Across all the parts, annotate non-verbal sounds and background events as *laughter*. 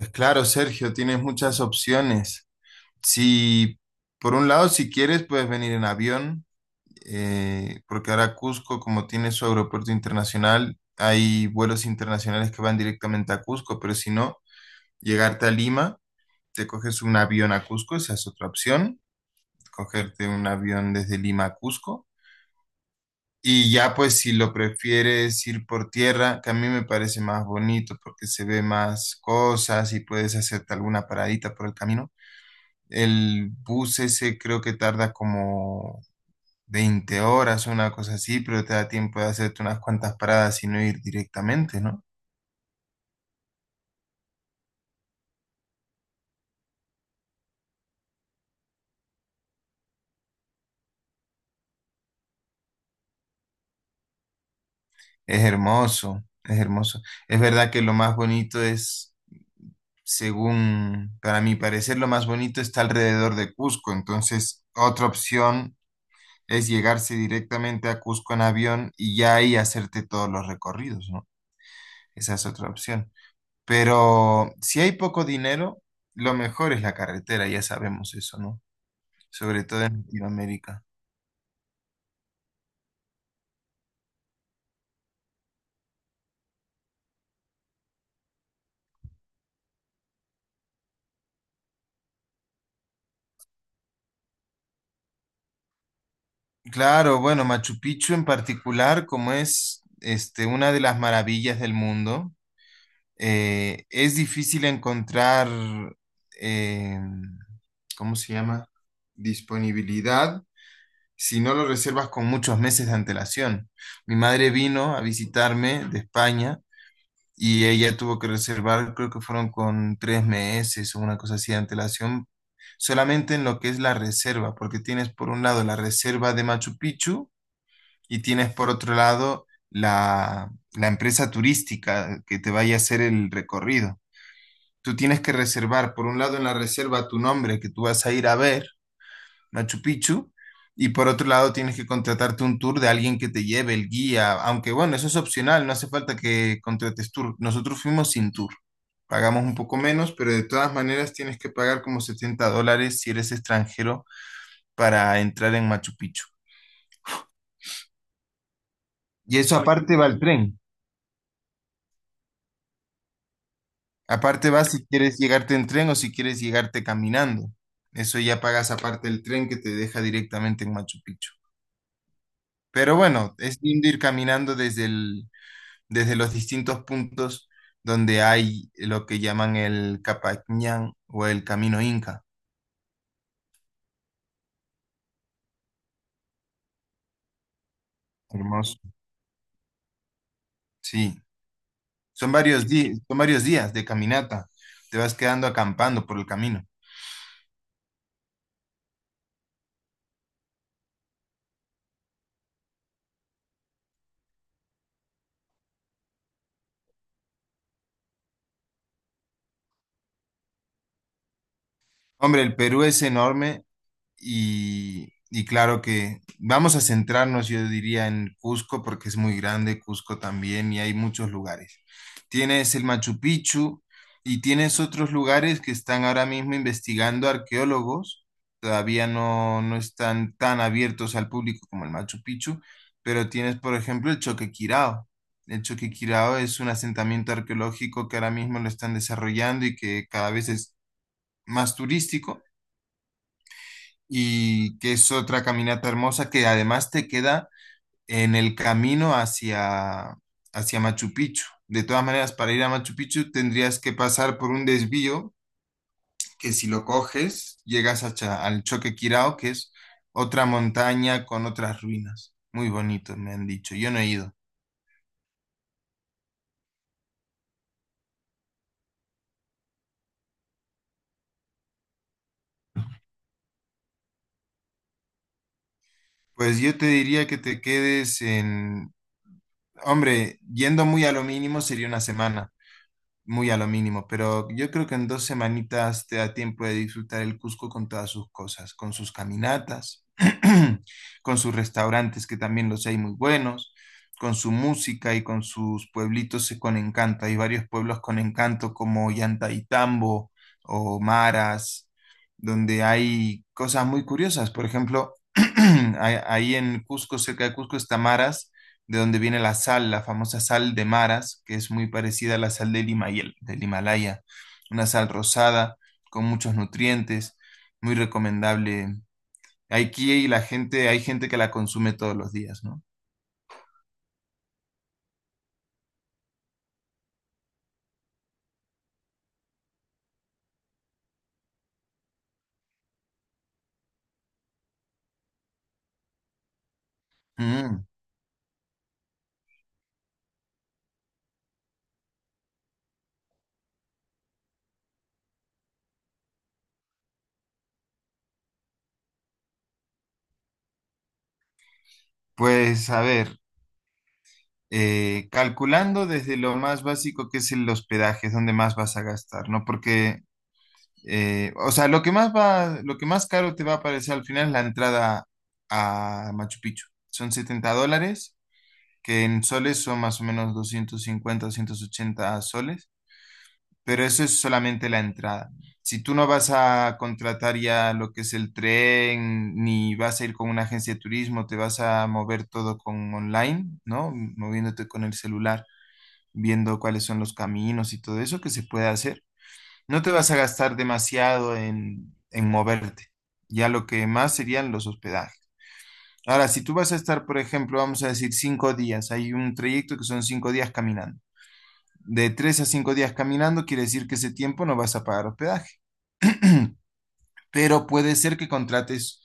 Claro, Sergio, tienes muchas opciones. Si, por un lado, si quieres, puedes venir en avión, porque ahora Cusco, como tiene su aeropuerto internacional, hay vuelos internacionales que van directamente a Cusco, pero si no, llegarte a Lima, te coges un avión a Cusco, esa es otra opción, cogerte un avión desde Lima a Cusco. Y ya, pues, si lo prefieres ir por tierra, que a mí me parece más bonito porque se ve más cosas y puedes hacerte alguna paradita por el camino. El bus ese creo que tarda como 20 horas, una cosa así, pero te da tiempo de hacerte unas cuantas paradas y no ir directamente, ¿no? Es hermoso, es hermoso. Es verdad que lo más bonito es, según, para mi parecer, lo más bonito está alrededor de Cusco. Entonces, otra opción es llegarse directamente a Cusco en avión y ya ahí hacerte todos los recorridos, ¿no? Esa es otra opción. Pero si hay poco dinero, lo mejor es la carretera, ya sabemos eso, ¿no? Sobre todo en Latinoamérica. Claro, bueno, Machu Picchu en particular, como es este, una de las maravillas del mundo, es difícil encontrar, eh, ¿cómo se llama? Disponibilidad si no lo reservas con muchos meses de antelación. Mi madre vino a visitarme de España y ella tuvo que reservar, creo que fueron con 3 meses o una cosa así de antelación, solamente en lo que es la reserva, porque tienes por un lado la reserva de Machu Picchu y tienes por otro lado la empresa turística que te vaya a hacer el recorrido. Tú tienes que reservar, por un lado en la reserva tu nombre que tú vas a ir a ver, Machu Picchu, y por otro lado tienes que contratarte un tour de alguien que te lleve el guía, aunque bueno, eso es opcional, no hace falta que contrates tour. Nosotros fuimos sin tour, pagamos un poco menos, pero de todas maneras tienes que pagar como $70 si eres extranjero para entrar en Machu Picchu. Y eso aparte va el tren. Aparte va si quieres llegarte en tren o si quieres llegarte caminando. Eso ya pagas aparte el tren que te deja directamente en Machu Picchu. Pero bueno, es lindo ir caminando desde el, desde los distintos puntos donde hay lo que llaman el Capañán o el Camino Inca. Hermoso. Sí. Son varios días de caminata. Te vas quedando acampando por el camino. Hombre, el Perú es enorme. Y claro que vamos a centrarnos, yo diría, en Cusco, porque es muy grande Cusco también y hay muchos lugares. Tienes el Machu Picchu y tienes otros lugares que están ahora mismo investigando arqueólogos. Todavía no, no están tan abiertos al público como el Machu Picchu, pero tienes, por ejemplo, el Choquequirao. El Choquequirao es un asentamiento arqueológico que ahora mismo lo están desarrollando y que cada vez es más turístico y que es otra caminata hermosa que además te queda en el camino hacia, hacia Machu Picchu. De todas maneras, para ir a Machu Picchu tendrías que pasar por un desvío que si lo coges llegas a al Choque Quirao, que es otra montaña con otras ruinas. Muy bonito, me han dicho. Yo no he ido. Pues yo te diría que te quedes en... Hombre, yendo muy a lo mínimo sería una semana, muy a lo mínimo, pero yo creo que en dos semanitas te da tiempo de disfrutar el Cusco con todas sus cosas, con sus caminatas, *clears throat* con sus restaurantes, que también los hay muy buenos, con su música y con sus pueblitos con encanto. Hay varios pueblos con encanto como Llantaitambo o Maras, donde hay cosas muy curiosas. Por ejemplo, *clears throat* ahí en Cusco, cerca de Cusco está Maras, de donde viene la sal, la famosa sal de Maras, que es muy parecida a la sal del del Himalaya, una sal rosada con muchos nutrientes, muy recomendable. Aquí la gente, hay gente que la consume todos los días, ¿no? Mm, pues a ver, calculando desde lo más básico que es el hospedaje, es donde más vas a gastar, ¿no? Porque, o sea, lo que más va, lo que más caro te va a parecer al final es la entrada a Machu Picchu. Son 70 dólares, que en soles son más o menos 250 o 180 soles, pero eso es solamente la entrada. Si tú no vas a contratar ya lo que es el tren, ni vas a ir con una agencia de turismo, te vas a mover todo con online, ¿no? Moviéndote con el celular, viendo cuáles son los caminos y todo eso que se puede hacer. No te vas a gastar demasiado en moverte. Ya lo que más serían los hospedajes. Ahora, si tú vas a estar, por ejemplo, vamos a decir 5 días, hay un trayecto que son 5 días caminando. De 3 a 5 días caminando quiere decir que ese tiempo no vas a pagar hospedaje. *clears throat* Pero puede ser que contrates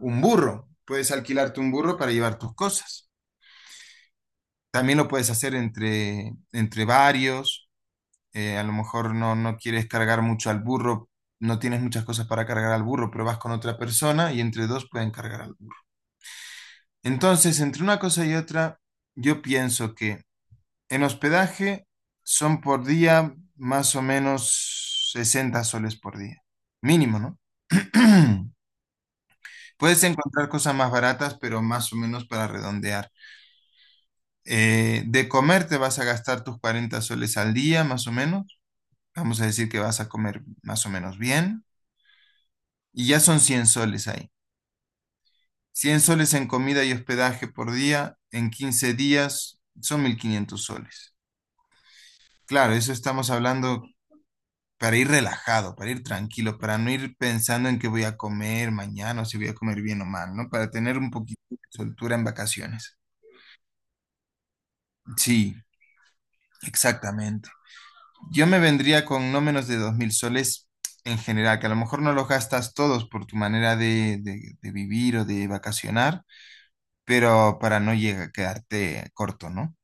un burro, puedes alquilarte un burro para llevar tus cosas. También lo puedes hacer entre, entre varios. A lo mejor no, no quieres cargar mucho al burro, no tienes muchas cosas para cargar al burro, pero vas con otra persona y entre dos pueden cargar al burro. Entonces, entre una cosa y otra, yo pienso que en hospedaje son por día más o menos 60 soles por día. Mínimo, ¿no? *clears throat* Puedes encontrar cosas más baratas, pero más o menos para redondear. De comer te vas a gastar tus 40 soles al día, más o menos. Vamos a decir que vas a comer más o menos bien. Y ya son 100 soles ahí. 100 soles en comida y hospedaje por día, en 15 días son 1500 soles. Claro, eso estamos hablando para ir relajado, para ir tranquilo, para no ir pensando en qué voy a comer mañana o si voy a comer bien o mal, ¿no? Para tener un poquito de soltura en vacaciones. Sí, exactamente. Yo me vendría con no menos de 2000 soles en general, que a lo mejor no los gastas todos por tu manera de, de vivir o de vacacionar, pero para no llegar a quedarte corto, ¿no?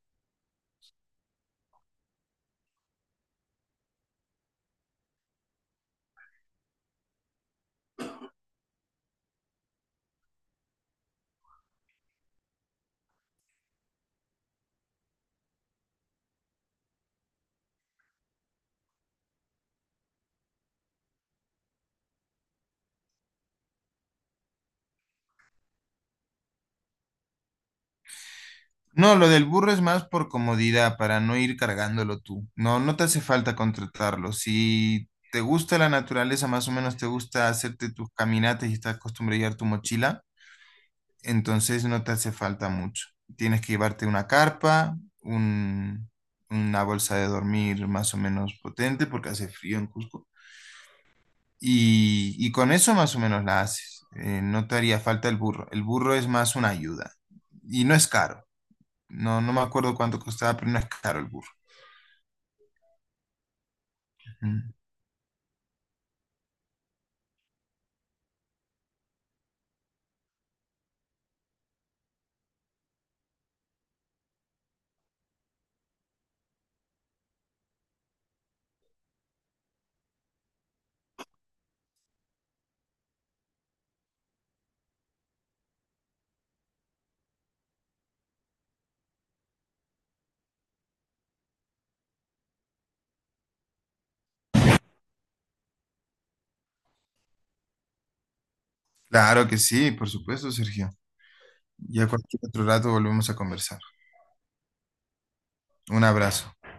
No, lo del burro es más por comodidad, para no ir cargándolo tú. No, no te hace falta contratarlo. Si te gusta la naturaleza, más o menos te gusta hacerte tus caminatas y estás acostumbrado a llevar tu mochila, entonces no te hace falta mucho. Tienes que llevarte una carpa, un- una bolsa de dormir más o menos potente porque hace frío en Cusco. Y con eso más o menos la haces. No te haría falta el burro. El burro es más una ayuda y no es caro. No, no me acuerdo cuánto costaba, pero no es caro el burro. Mm. Claro que sí, por supuesto, Sergio. Ya cualquier otro rato volvemos a conversar. Un abrazo.